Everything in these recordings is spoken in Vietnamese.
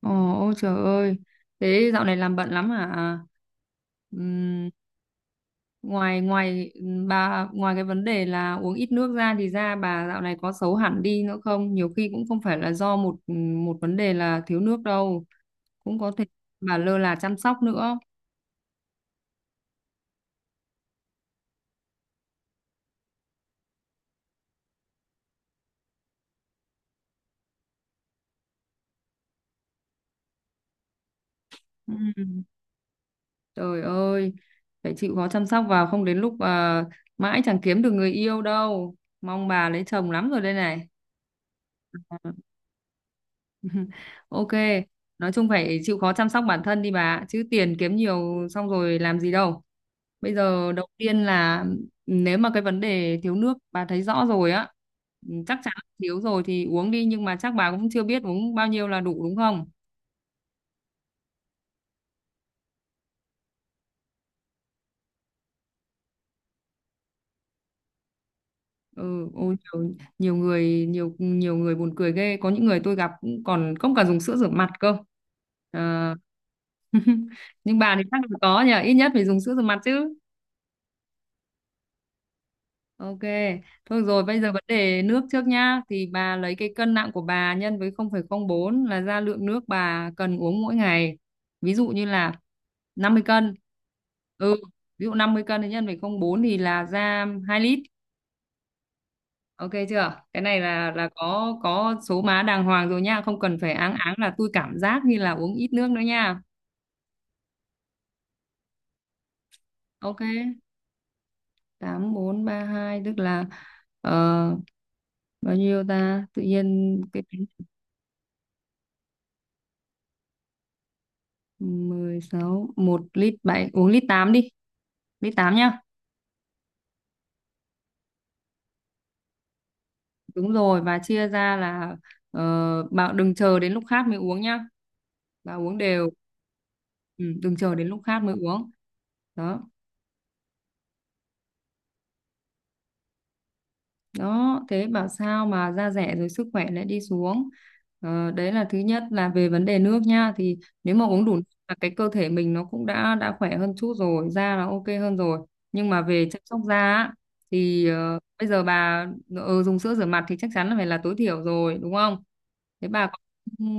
Ồ, ôi trời ơi. Thế dạo này làm bận lắm hả? Ừm, ngoài ngoài bà ngoài cái vấn đề là uống ít nước ra thì da bà dạo này có xấu hẳn đi nữa không? Nhiều khi cũng không phải là do một một vấn đề là thiếu nước đâu, cũng có thể bà lơ là chăm sóc nữa. Ừm, Trời ơi, phải chịu khó chăm sóc vào, không đến lúc mãi chẳng kiếm được người yêu đâu. Mong bà lấy chồng lắm rồi đây này. Ờ. Ok, nói chung phải chịu khó chăm sóc bản thân đi bà, chứ tiền kiếm nhiều xong rồi làm gì đâu. Bây giờ đầu tiên là nếu mà cái vấn đề thiếu nước bà thấy rõ rồi á, chắc chắn là thiếu rồi thì uống đi, nhưng mà chắc bà cũng chưa biết uống bao nhiêu là đủ đúng không? Ừ, ôi nhiều nhiều người buồn cười ghê, có những người tôi gặp cũng còn không cả dùng sữa rửa mặt cơ. Ờ. Nhưng bà thì chắc là có nhờ, ít nhất phải dùng sữa rửa mặt chứ. Ok, thôi rồi bây giờ vấn đề nước trước nhá, thì bà lấy cái cân nặng của bà nhân với 0,04 là ra lượng nước bà cần uống mỗi ngày. Ví dụ như là 50 cân. Ừ, ví dụ 50 cân thì nhân với 0,04 thì là ra 2 lít. Ok chưa? Cái này là có số má đàng hoàng rồi nha, không cần phải áng áng là tôi cảm giác như là uống ít nước nữa nha. Ok, 8432 tức là ờ, bao nhiêu ta? Tự nhiên cái 16, một lít bảy, uống lít 8 đi, lít 8 nhá. Đúng rồi, và chia ra là bảo đừng chờ đến lúc khát mới uống nhá, bà uống đều. Ừ, đừng chờ đến lúc khát mới uống. Đó, đó, thế bảo sao mà da rẻ rồi sức khỏe lại đi xuống. Đấy là thứ nhất là về vấn đề nước nha, thì nếu mà uống đủ nước là cái cơ thể mình nó cũng đã khỏe hơn chút rồi, da là ok hơn rồi, nhưng mà về chăm sóc da á, thì bây giờ bà dùng sữa rửa mặt thì chắc chắn là phải là tối thiểu rồi đúng không. Thế bà có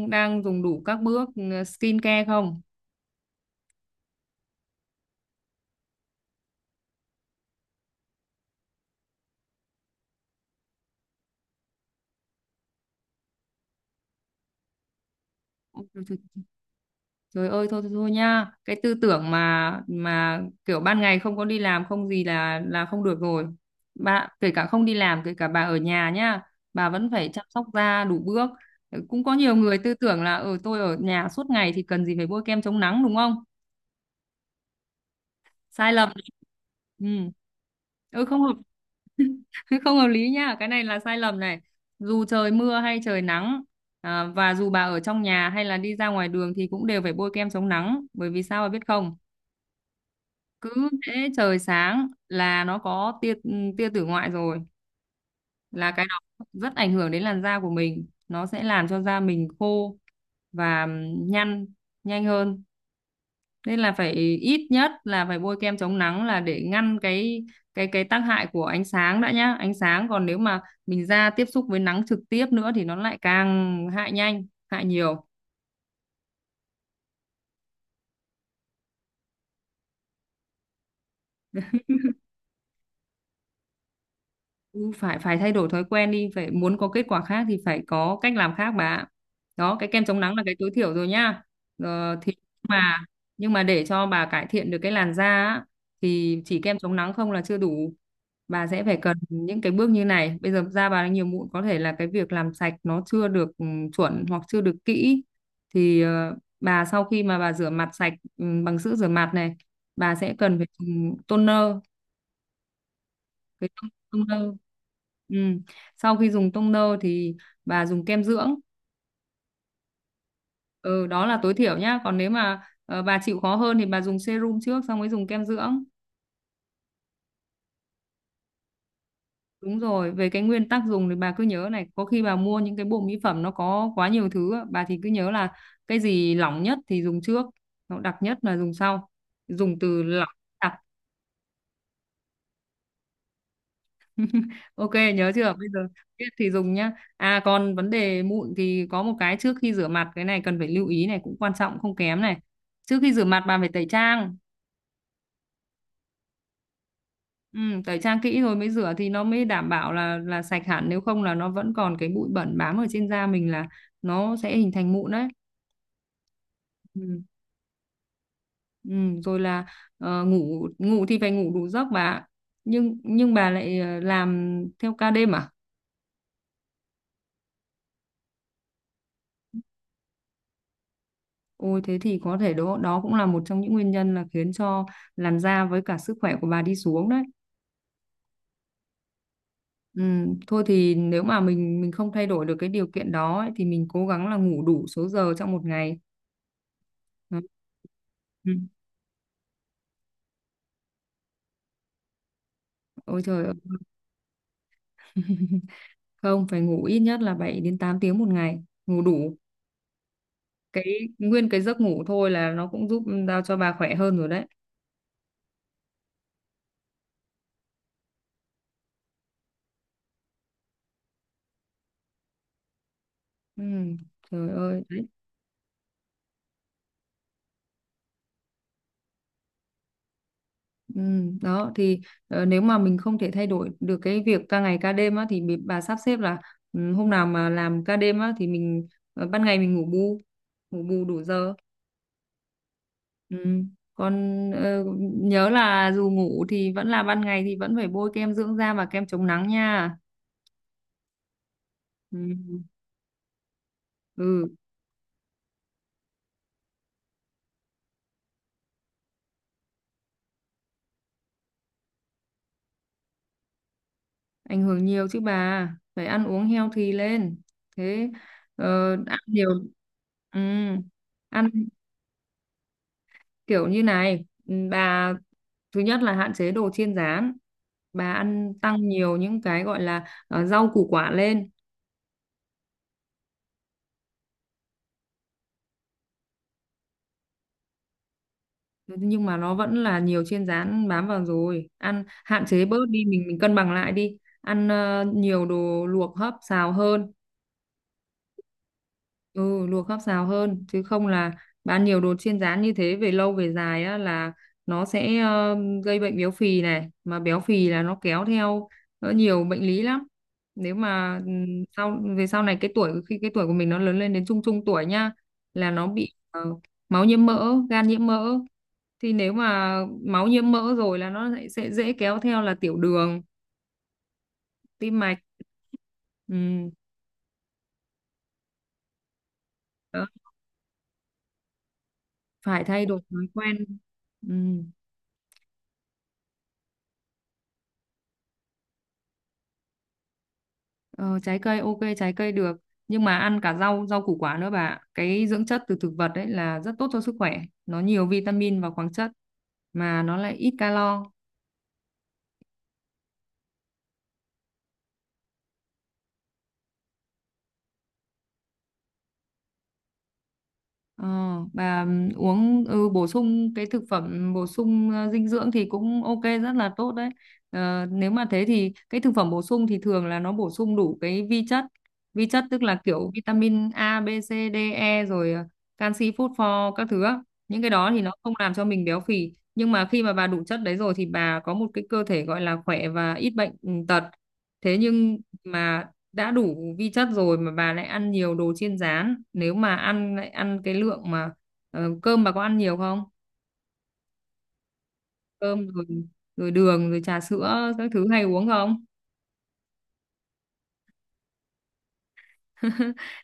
đang dùng đủ các bước skin care không? Trời ơi thôi thôi, thôi nha, cái tư tưởng mà kiểu ban ngày không có đi làm không gì là không được rồi. Bà kể cả không đi làm, kể cả bà ở nhà nhá, bà vẫn phải chăm sóc da đủ bước. Cũng có nhiều người tư tưởng là ở tôi ở nhà suốt ngày thì cần gì phải bôi kem chống nắng đúng không? Sai lầm. Ừ. Ừ không hợp không hợp lý nha, cái này là sai lầm này. Dù trời mưa hay trời nắng, và dù bà ở trong nhà hay là đi ra ngoài đường thì cũng đều phải bôi kem chống nắng, bởi vì sao bà biết không? Cứ thế trời sáng là nó có tia, tia tử ngoại rồi, là cái đó rất ảnh hưởng đến làn da của mình, nó sẽ làm cho da mình khô và nhăn nhanh hơn. Nên là phải, ít nhất là phải bôi kem chống nắng là để ngăn cái tác hại của ánh sáng đã nhá. Ánh sáng, còn nếu mà mình da tiếp xúc với nắng trực tiếp nữa thì nó lại càng hại nhanh hại nhiều. Ừ, phải phải thay đổi thói quen đi, phải, muốn có kết quả khác thì phải có cách làm khác bà ạ. Đó, cái kem chống nắng là cái tối thiểu rồi nhá. Ờ, thì mà nhưng mà để cho bà cải thiện được cái làn da á, thì chỉ kem chống nắng không là chưa đủ. Bà sẽ phải cần những cái bước như này, bây giờ da bà đang nhiều mụn có thể là cái việc làm sạch nó chưa được chuẩn, hoặc chưa được kỹ. Thì bà sau khi mà bà rửa mặt sạch bằng sữa rửa mặt này, bà sẽ cần phải dùng toner. Với tông nâu, ừ. Sau khi dùng tông nâu thì bà dùng kem dưỡng, ừ, đó là tối thiểu nhá. Còn nếu mà bà chịu khó hơn thì bà dùng serum trước xong mới dùng kem dưỡng. Đúng rồi, về cái nguyên tắc dùng thì bà cứ nhớ này, có khi bà mua những cái bộ mỹ phẩm nó có quá nhiều thứ á, bà thì cứ nhớ là cái gì lỏng nhất thì dùng trước, nó đặc nhất là dùng sau, dùng từ lỏng đặc. Ok nhớ chưa? Bây giờ biết thì dùng nhá. À, còn vấn đề mụn thì có một cái trước khi rửa mặt cái này cần phải lưu ý này, cũng quan trọng không kém này. Trước khi rửa mặt bạn phải tẩy trang. Ừ, tẩy trang kỹ rồi mới rửa thì nó mới đảm bảo là sạch hẳn, nếu không là nó vẫn còn cái bụi bẩn bám ở trên da mình là nó sẽ hình thành mụn đấy. Ừ. Ừ, rồi là ngủ ngủ thì phải ngủ đủ giấc bà ạ. Nhưng bà lại làm theo ca đêm à? Ôi thế thì có thể đó, đó cũng là một trong những nguyên nhân là khiến cho làn da với cả sức khỏe của bà đi xuống đấy. Ừ, thôi thì nếu mà mình không thay đổi được cái điều kiện đó ấy, thì mình cố gắng là ngủ đủ số giờ trong một ngày. Đó. Ừ. Ôi trời ơi, không, phải ngủ ít nhất là 7 đến 8 tiếng một ngày, ngủ đủ. Cái nguyên cái giấc ngủ thôi là nó cũng giúp giao cho bà khỏe hơn rồi đấy. Ừ, trời ơi. Ừ, đó thì nếu mà mình không thể thay đổi được cái việc ca ngày ca đêm á thì bà sắp xếp là hôm nào mà làm ca đêm á thì mình ban ngày mình ngủ bù đủ giờ, ừ. Còn nhớ là dù ngủ thì vẫn là ban ngày thì vẫn phải bôi kem dưỡng da và kem chống nắng nha. Ừ. Ừ, ảnh hưởng nhiều chứ bà, phải ăn uống healthy lên. Thế ăn nhiều. Ừ. Ăn kiểu như này, bà, thứ nhất là hạn chế đồ chiên rán, bà ăn tăng nhiều những cái gọi là rau củ quả lên. Nhưng mà nó vẫn là nhiều chiên rán bám vào rồi, ăn hạn chế bớt đi, mình cân bằng lại đi ăn nhiều đồ luộc hấp xào hơn. Ừ, luộc hấp xào hơn, chứ không là bán nhiều đồ chiên rán như thế về lâu về dài á là nó sẽ gây bệnh béo phì này, mà béo phì là nó kéo theo nhiều bệnh lý lắm. Nếu mà về sau này cái tuổi khi cái tuổi của mình nó lớn lên đến trung trung tuổi nhá, là nó bị máu nhiễm mỡ gan nhiễm mỡ. Thì nếu mà máu nhiễm mỡ rồi là nó lại sẽ dễ kéo theo là tiểu đường, tim mạch. Ừm, đó. Phải thay đổi thói quen. Ừm. Ờ, trái cây ok, trái cây được, nhưng mà ăn cả rau rau củ quả nữa bà ạ. Cái dưỡng chất từ thực vật đấy là rất tốt cho sức khỏe, nó nhiều vitamin và khoáng chất, mà nó lại ít calo. Ờ, bà uống bổ sung cái thực phẩm bổ sung dinh dưỡng thì cũng ok, rất là tốt đấy. Ờ, nếu mà thế thì cái thực phẩm bổ sung thì thường là nó bổ sung đủ cái vi chất. Vi chất tức là kiểu vitamin A, B, C, D, E, rồi canxi, phốt pho các thứ á. Những cái đó thì nó không làm cho mình béo phì. Nhưng mà khi mà bà đủ chất đấy rồi thì bà có một cái cơ thể gọi là khỏe và ít bệnh, tật. Thế nhưng mà đã đủ vi chất rồi mà bà lại ăn nhiều đồ chiên rán, nếu mà ăn, lại ăn cái lượng mà, cơm bà có ăn nhiều không? Cơm rồi, rồi đường, rồi trà sữa các thứ hay uống không?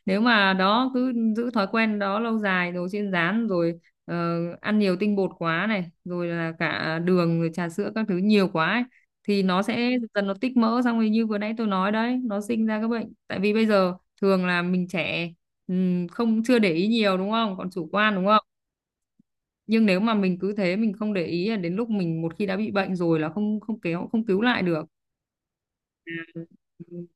Nếu mà đó cứ giữ thói quen đó lâu dài, đồ chiên rán rồi ăn nhiều tinh bột quá này, rồi là cả đường, rồi trà sữa các thứ nhiều quá ấy, thì nó sẽ dần dần nó tích mỡ, xong rồi như vừa nãy tôi nói đấy, nó sinh ra các bệnh, tại vì bây giờ thường là mình trẻ, không chưa để ý nhiều đúng không, còn chủ quan đúng không. Nhưng nếu mà mình cứ thế mình không để ý là đến lúc mình một khi đã bị bệnh rồi là không, không kéo, không cứu lại được. Ừ.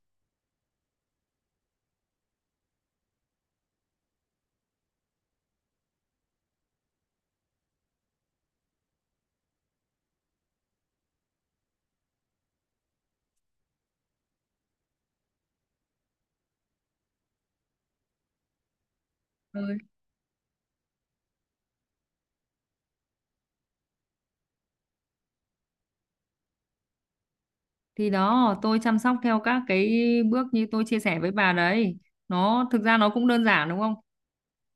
Thì đó, tôi chăm sóc theo các cái bước như tôi chia sẻ với bà đấy, nó thực ra nó cũng đơn giản đúng không.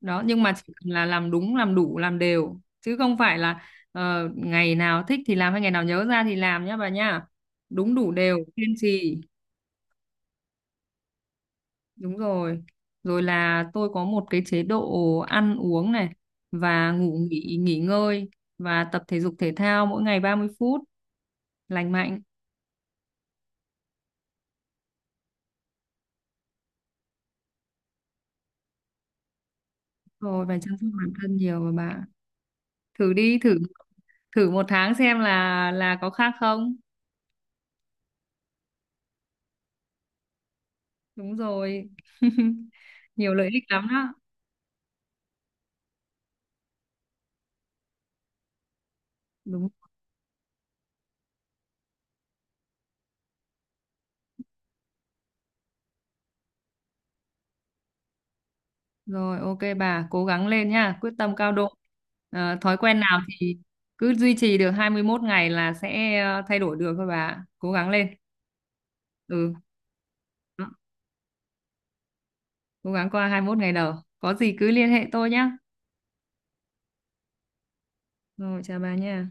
Đó, nhưng mà chỉ cần là làm đúng làm đủ làm đều, chứ không phải là ngày nào thích thì làm hay ngày nào nhớ ra thì làm nhá bà nhá. Đúng đủ đều kiên trì. Đúng rồi. Rồi là tôi có một cái chế độ ăn uống này, và ngủ nghỉ nghỉ ngơi, và tập thể dục thể thao mỗi ngày 30 phút lành mạnh. Rồi và chăm sóc bản thân nhiều mà bạn. Thử đi, thử thử một tháng xem là có khác không. Đúng rồi. Nhiều lợi ích lắm đó. Đúng rồi, ok bà, cố gắng lên nha, quyết tâm cao độ. Ờ, thói quen nào thì cứ duy trì được 21 ngày là sẽ thay đổi được thôi bà. Cố gắng lên. Ừ. Đó, cố gắng qua 21 ngày đầu, có gì cứ liên hệ tôi nhá. Rồi chào bà nha